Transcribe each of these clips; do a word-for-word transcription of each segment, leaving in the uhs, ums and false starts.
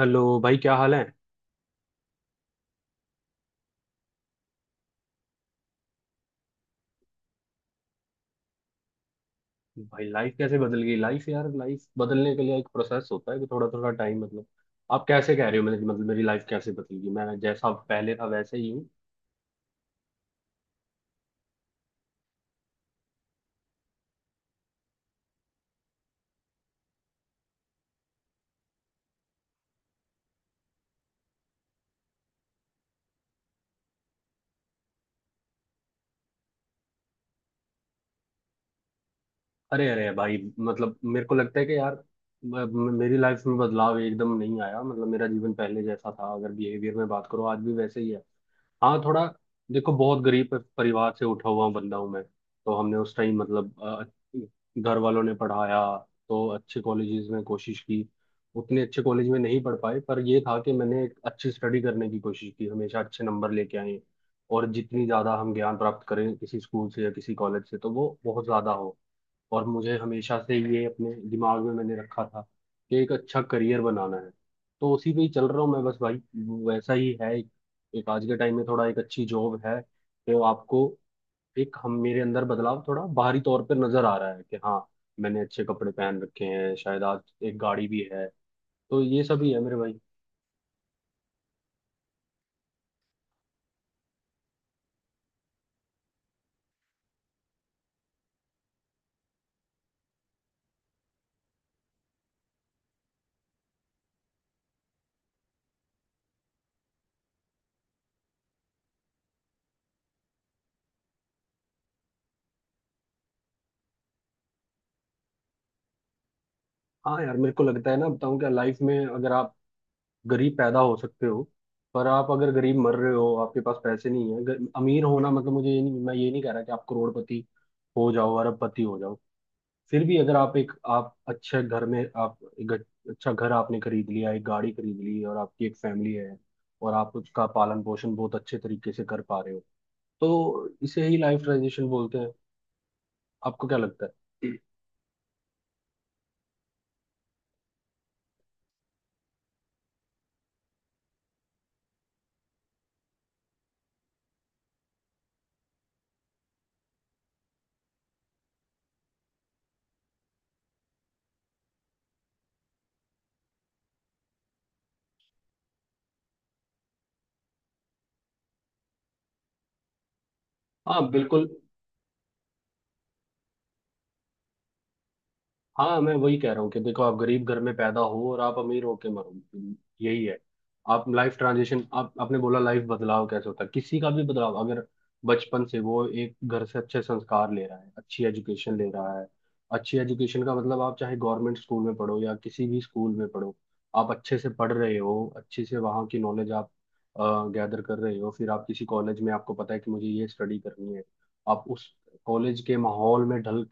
Hello भाई। क्या हाल है। भाई लाइफ कैसे बदल गई। लाइफ यार, लाइफ बदलने के लिए एक प्रोसेस होता है कि थोड़ा थोड़ा टाइम मतलब आप कैसे कह रहे हो मेरी मतलब मेरी लाइफ कैसे बदल गई। मैं जैसा पहले था वैसे ही हूँ। अरे अरे भाई, मतलब मेरे को लगता है कि यार म- म- मेरी लाइफ में बदलाव एकदम नहीं आया। मतलब मेरा जीवन पहले जैसा था, अगर बिहेवियर में बात करो आज भी वैसे ही है। हाँ थोड़ा। देखो, बहुत गरीब प- परिवार से उठा हुआ बंदा हूँ मैं। तो हमने उस टाइम मतलब अ, घर वालों ने पढ़ाया। तो अच्छे कॉलेजेस में कोशिश की, उतने अच्छे कॉलेज में नहीं पढ़ पाए। पर ये था कि मैंने एक अच्छी स्टडी करने की कोशिश की, हमेशा अच्छे नंबर लेके आए। और जितनी ज़्यादा हम ज्ञान प्राप्त करें किसी स्कूल से या किसी कॉलेज से तो वो बहुत ज़्यादा हो। और मुझे हमेशा से ये अपने दिमाग में मैंने रखा था कि एक अच्छा करियर बनाना है। तो उसी पे ही चल रहा हूँ मैं बस भाई। वैसा ही है। एक, एक आज के टाइम में थोड़ा एक अच्छी जॉब है तो आपको एक हम मेरे अंदर बदलाव थोड़ा बाहरी तौर पर नजर आ रहा है कि हाँ, मैंने अच्छे कपड़े पहन रखे हैं शायद आज। एक गाड़ी भी है। तो ये सब ही है मेरे भाई। हाँ यार, मेरे को लगता है ना, बताऊँ क्या, लाइफ में अगर आप गरीब पैदा हो सकते हो पर आप अगर गरीब मर रहे हो, आपके पास पैसे नहीं है। ग- अमीर होना मतलब मुझे ये नहीं, मैं ये नहीं कह रहा कि आप करोड़पति हो जाओ, अरबपति हो जाओ। फिर भी अगर आप एक आप अच्छे घर में आप एक अच्छा घर आपने खरीद लिया, एक गाड़ी खरीद ली और आपकी एक फैमिली है और आप उसका पालन पोषण बहुत अच्छे तरीके से कर पा रहे हो तो इसे ही लाइफ ट्रांजिशन बोलते हैं। आपको क्या लगता है। हाँ बिल्कुल। हाँ, मैं वही कह रहा हूँ कि देखो, आप गरीब घर में पैदा हो और आप अमीर होके मरो, यही है। आप लाइफ ट्रांजिशन, आप आपने बोला लाइफ बदलाव कैसे होता है, किसी का भी बदलाव अगर बचपन से वो एक घर से अच्छे संस्कार ले रहा है, अच्छी एजुकेशन ले रहा है। अच्छी एजुकेशन का मतलब आप चाहे गवर्नमेंट स्कूल में पढ़ो या किसी भी स्कूल में पढ़ो, आप अच्छे से पढ़ रहे हो, अच्छे से वहाँ की नॉलेज आप गैदर कर रहे हो। फिर आप किसी कॉलेज में आपको पता है कि मुझे ये स्टडी करनी है, आप उस कॉलेज के माहौल में ढल।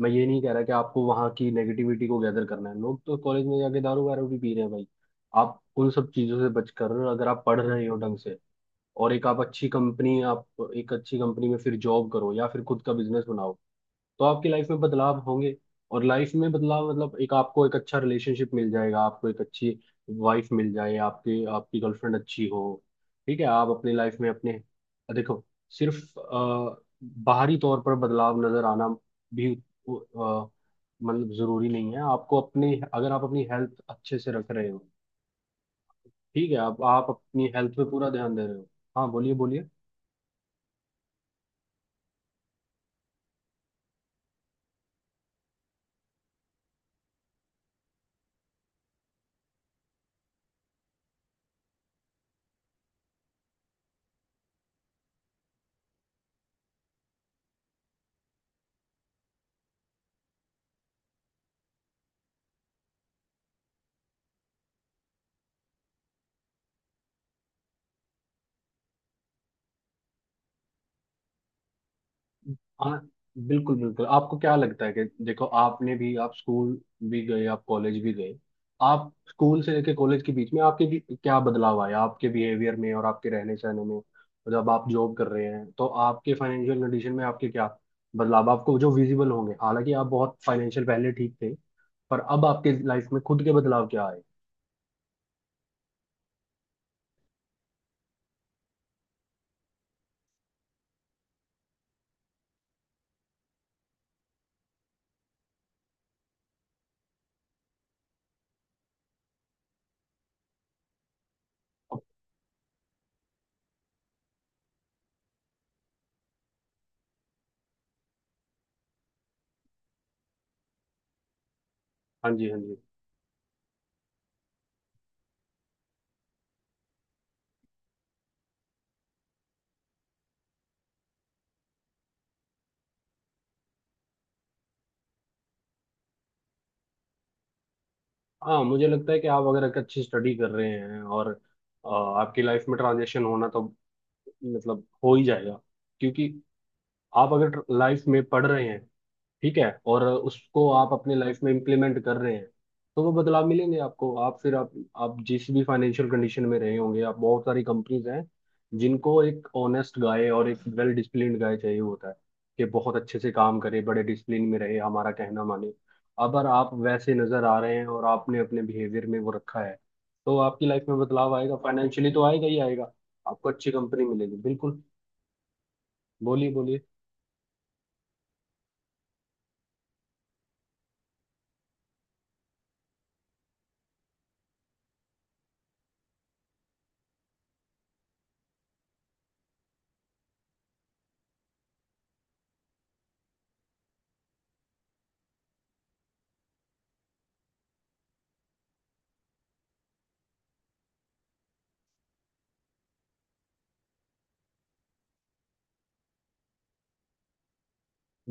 मैं ये नहीं कह रहा कि आपको वहाँ की नेगेटिविटी को गैदर करना है। लोग तो कॉलेज में जाके दारू वारू भी पी रहे हैं भाई। आप उन सब चीज़ों से बचकर अगर आप पढ़ रहे हो ढंग से और एक आप अच्छी कंपनी, आप एक अच्छी कंपनी में फिर जॉब करो या फिर खुद का बिजनेस बनाओ तो आपकी लाइफ में बदलाव होंगे। और लाइफ में बदलाव मतलब एक आपको एक अच्छा रिलेशनशिप मिल जाएगा, आपको एक अच्छी वाइफ मिल जाए, आपकी आपकी गर्लफ्रेंड अच्छी हो। ठीक है, आप अपनी लाइफ में अपने देखो सिर्फ अ, बाहरी तौर पर बदलाव नजर आना भी अ, मतलब जरूरी नहीं है। आपको अपनी अगर आप अपनी हेल्थ अच्छे से रख रहे हो, ठीक है, आप आप अपनी हेल्थ पे पूरा ध्यान दे रहे हो। हाँ बोलिए बोलिए। हाँ बिल्कुल बिल्कुल। आपको क्या लगता है कि देखो, आपने भी आप स्कूल भी गए, आप कॉलेज भी गए। आप स्कूल से लेके कॉलेज के बीच में आपके भी क्या बदलाव आया, आपके बिहेवियर में और आपके रहने सहने में। और जब आप जॉब कर रहे हैं तो आपके फाइनेंशियल कंडीशन में आपके क्या बदलाव आपको जो विजिबल होंगे, हालांकि आप बहुत फाइनेंशियल पहले ठीक थे, पर अब आपके लाइफ में खुद के बदलाव क्या आए। हाँ जी, हाँ जी। हाँ मुझे लगता है कि आप अगर एक अच्छी स्टडी कर रहे हैं और अ, आपकी लाइफ में ट्रांजेक्शन होना तो मतलब हो ही जाएगा। क्योंकि आप अगर लाइफ में पढ़ रहे हैं, ठीक है, और उसको आप अपने लाइफ में इम्प्लीमेंट कर रहे हैं तो वो बदलाव मिलेंगे आपको। आप फिर आप आप जिस भी फाइनेंशियल कंडीशन में रहे होंगे, आप बहुत सारी कंपनीज हैं जिनको एक ऑनेस्ट गाय और एक वेल डिसिप्लिन्ड गाय चाहिए होता है कि बहुत अच्छे से काम करे, बड़े डिसिप्लिन में रहे, हमारा कहना माने। अगर आप वैसे नजर आ रहे हैं और आपने अपने बिहेवियर में वो रखा है तो आपकी लाइफ में बदलाव आएगा, फाइनेंशियली तो आएगा ही आएगा। आपको अच्छी कंपनी मिलेगी, बिल्कुल। बोलिए बोलिए।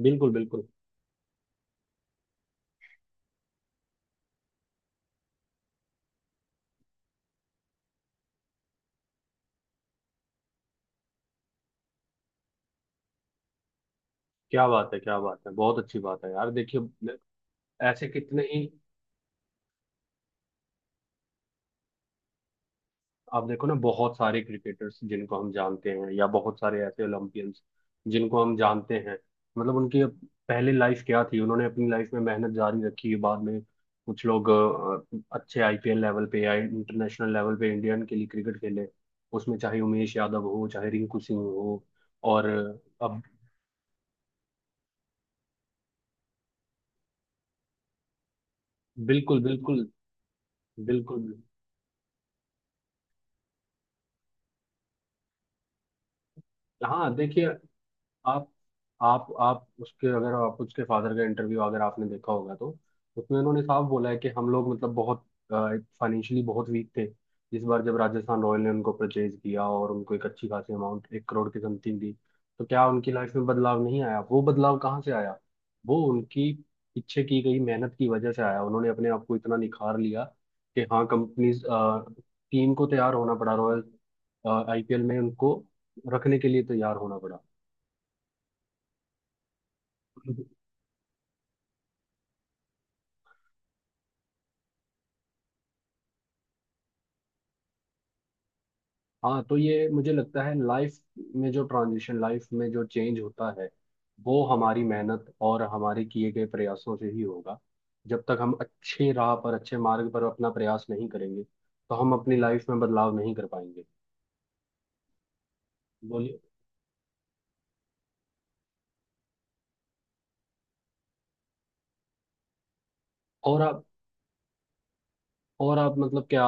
बिल्कुल बिल्कुल। क्या बात है, क्या बात है, बहुत अच्छी बात है यार। देखिए ऐसे कितने ही, आप देखो ना, बहुत सारे क्रिकेटर्स जिनको हम जानते हैं या बहुत सारे ऐसे ओलंपियंस जिनको हम जानते हैं, मतलब उनकी अप- पहले लाइफ क्या थी, उन्होंने अपनी लाइफ में मेहनत जारी रखी। बाद में कुछ लोग अ, अच्छे आई पी एल लेवल पे या इंटरनेशनल लेवल पे इंडियन के लिए क्रिकेट खेले, उसमें चाहे उमेश यादव हो चाहे रिंकू सिंह हो। और अब बिल्कुल बिल्कुल बिल्कुल। हाँ देखिए, आप आप आप उसके, अगर आप उसके फादर का इंटरव्यू अगर आपने देखा होगा तो उसमें उन्होंने साफ बोला है कि हम लोग मतलब बहुत फाइनेंशियली बहुत वीक थे। इस बार जब राजस्थान रॉयल ने उनको परचेज किया और उनको एक अच्छी खासी अमाउंट एक करोड़ की समथिंग दी, तो क्या उनकी लाइफ में बदलाव नहीं आया। वो बदलाव कहाँ से आया, वो उनकी पीछे की गई मेहनत की वजह से आया। उन्होंने अपने आप को इतना निखार लिया कि हाँ, कंपनीज टीम को तैयार होना पड़ा, रॉयल आई पी एल में उनको रखने के लिए तैयार होना पड़ा। हाँ तो ये मुझे लगता है लाइफ में जो ट्रांजिशन, लाइफ में जो चेंज होता है वो हमारी मेहनत और हमारे किए गए प्रयासों से ही होगा। जब तक हम अच्छे राह पर, अच्छे मार्ग पर अपना प्रयास नहीं करेंगे तो हम अपनी लाइफ में बदलाव नहीं कर पाएंगे। बोलिए। और आप, और आप मतलब क्या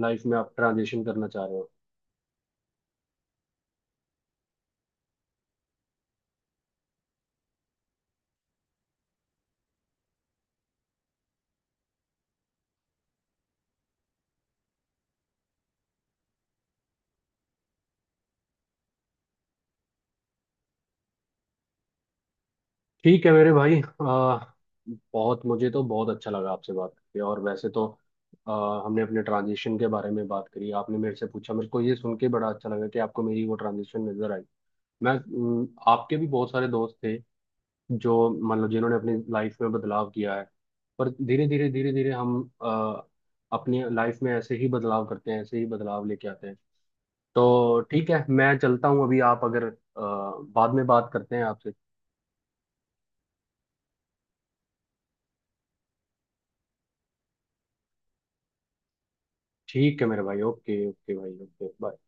लाइफ में आप ट्रांजिशन करना चाह रहे हो। ठीक है मेरे भाई, आ, बहुत मुझे तो बहुत अच्छा लगा आपसे बात करके। और वैसे तो आ, हमने अपने ट्रांजिशन के बारे में बात करी, आपने मेरे से पूछा। मेरे को ये सुन के बड़ा अच्छा लगा कि आपको मेरी वो ट्रांजिशन नजर आई। मैं अम, आपके भी बहुत सारे दोस्त थे जो मतलब जिन्होंने अपनी लाइफ में बदलाव किया है। पर धीरे धीरे धीरे धीरे हम आ, अपनी लाइफ में ऐसे ही बदलाव करते हैं, ऐसे ही बदलाव लेके आते हैं। तो ठीक है मैं चलता हूँ अभी। आप अगर आ, बाद में बात करते हैं आपसे। ठीक है मेरे भाई, ओके, ओके भाई, ओके बाय।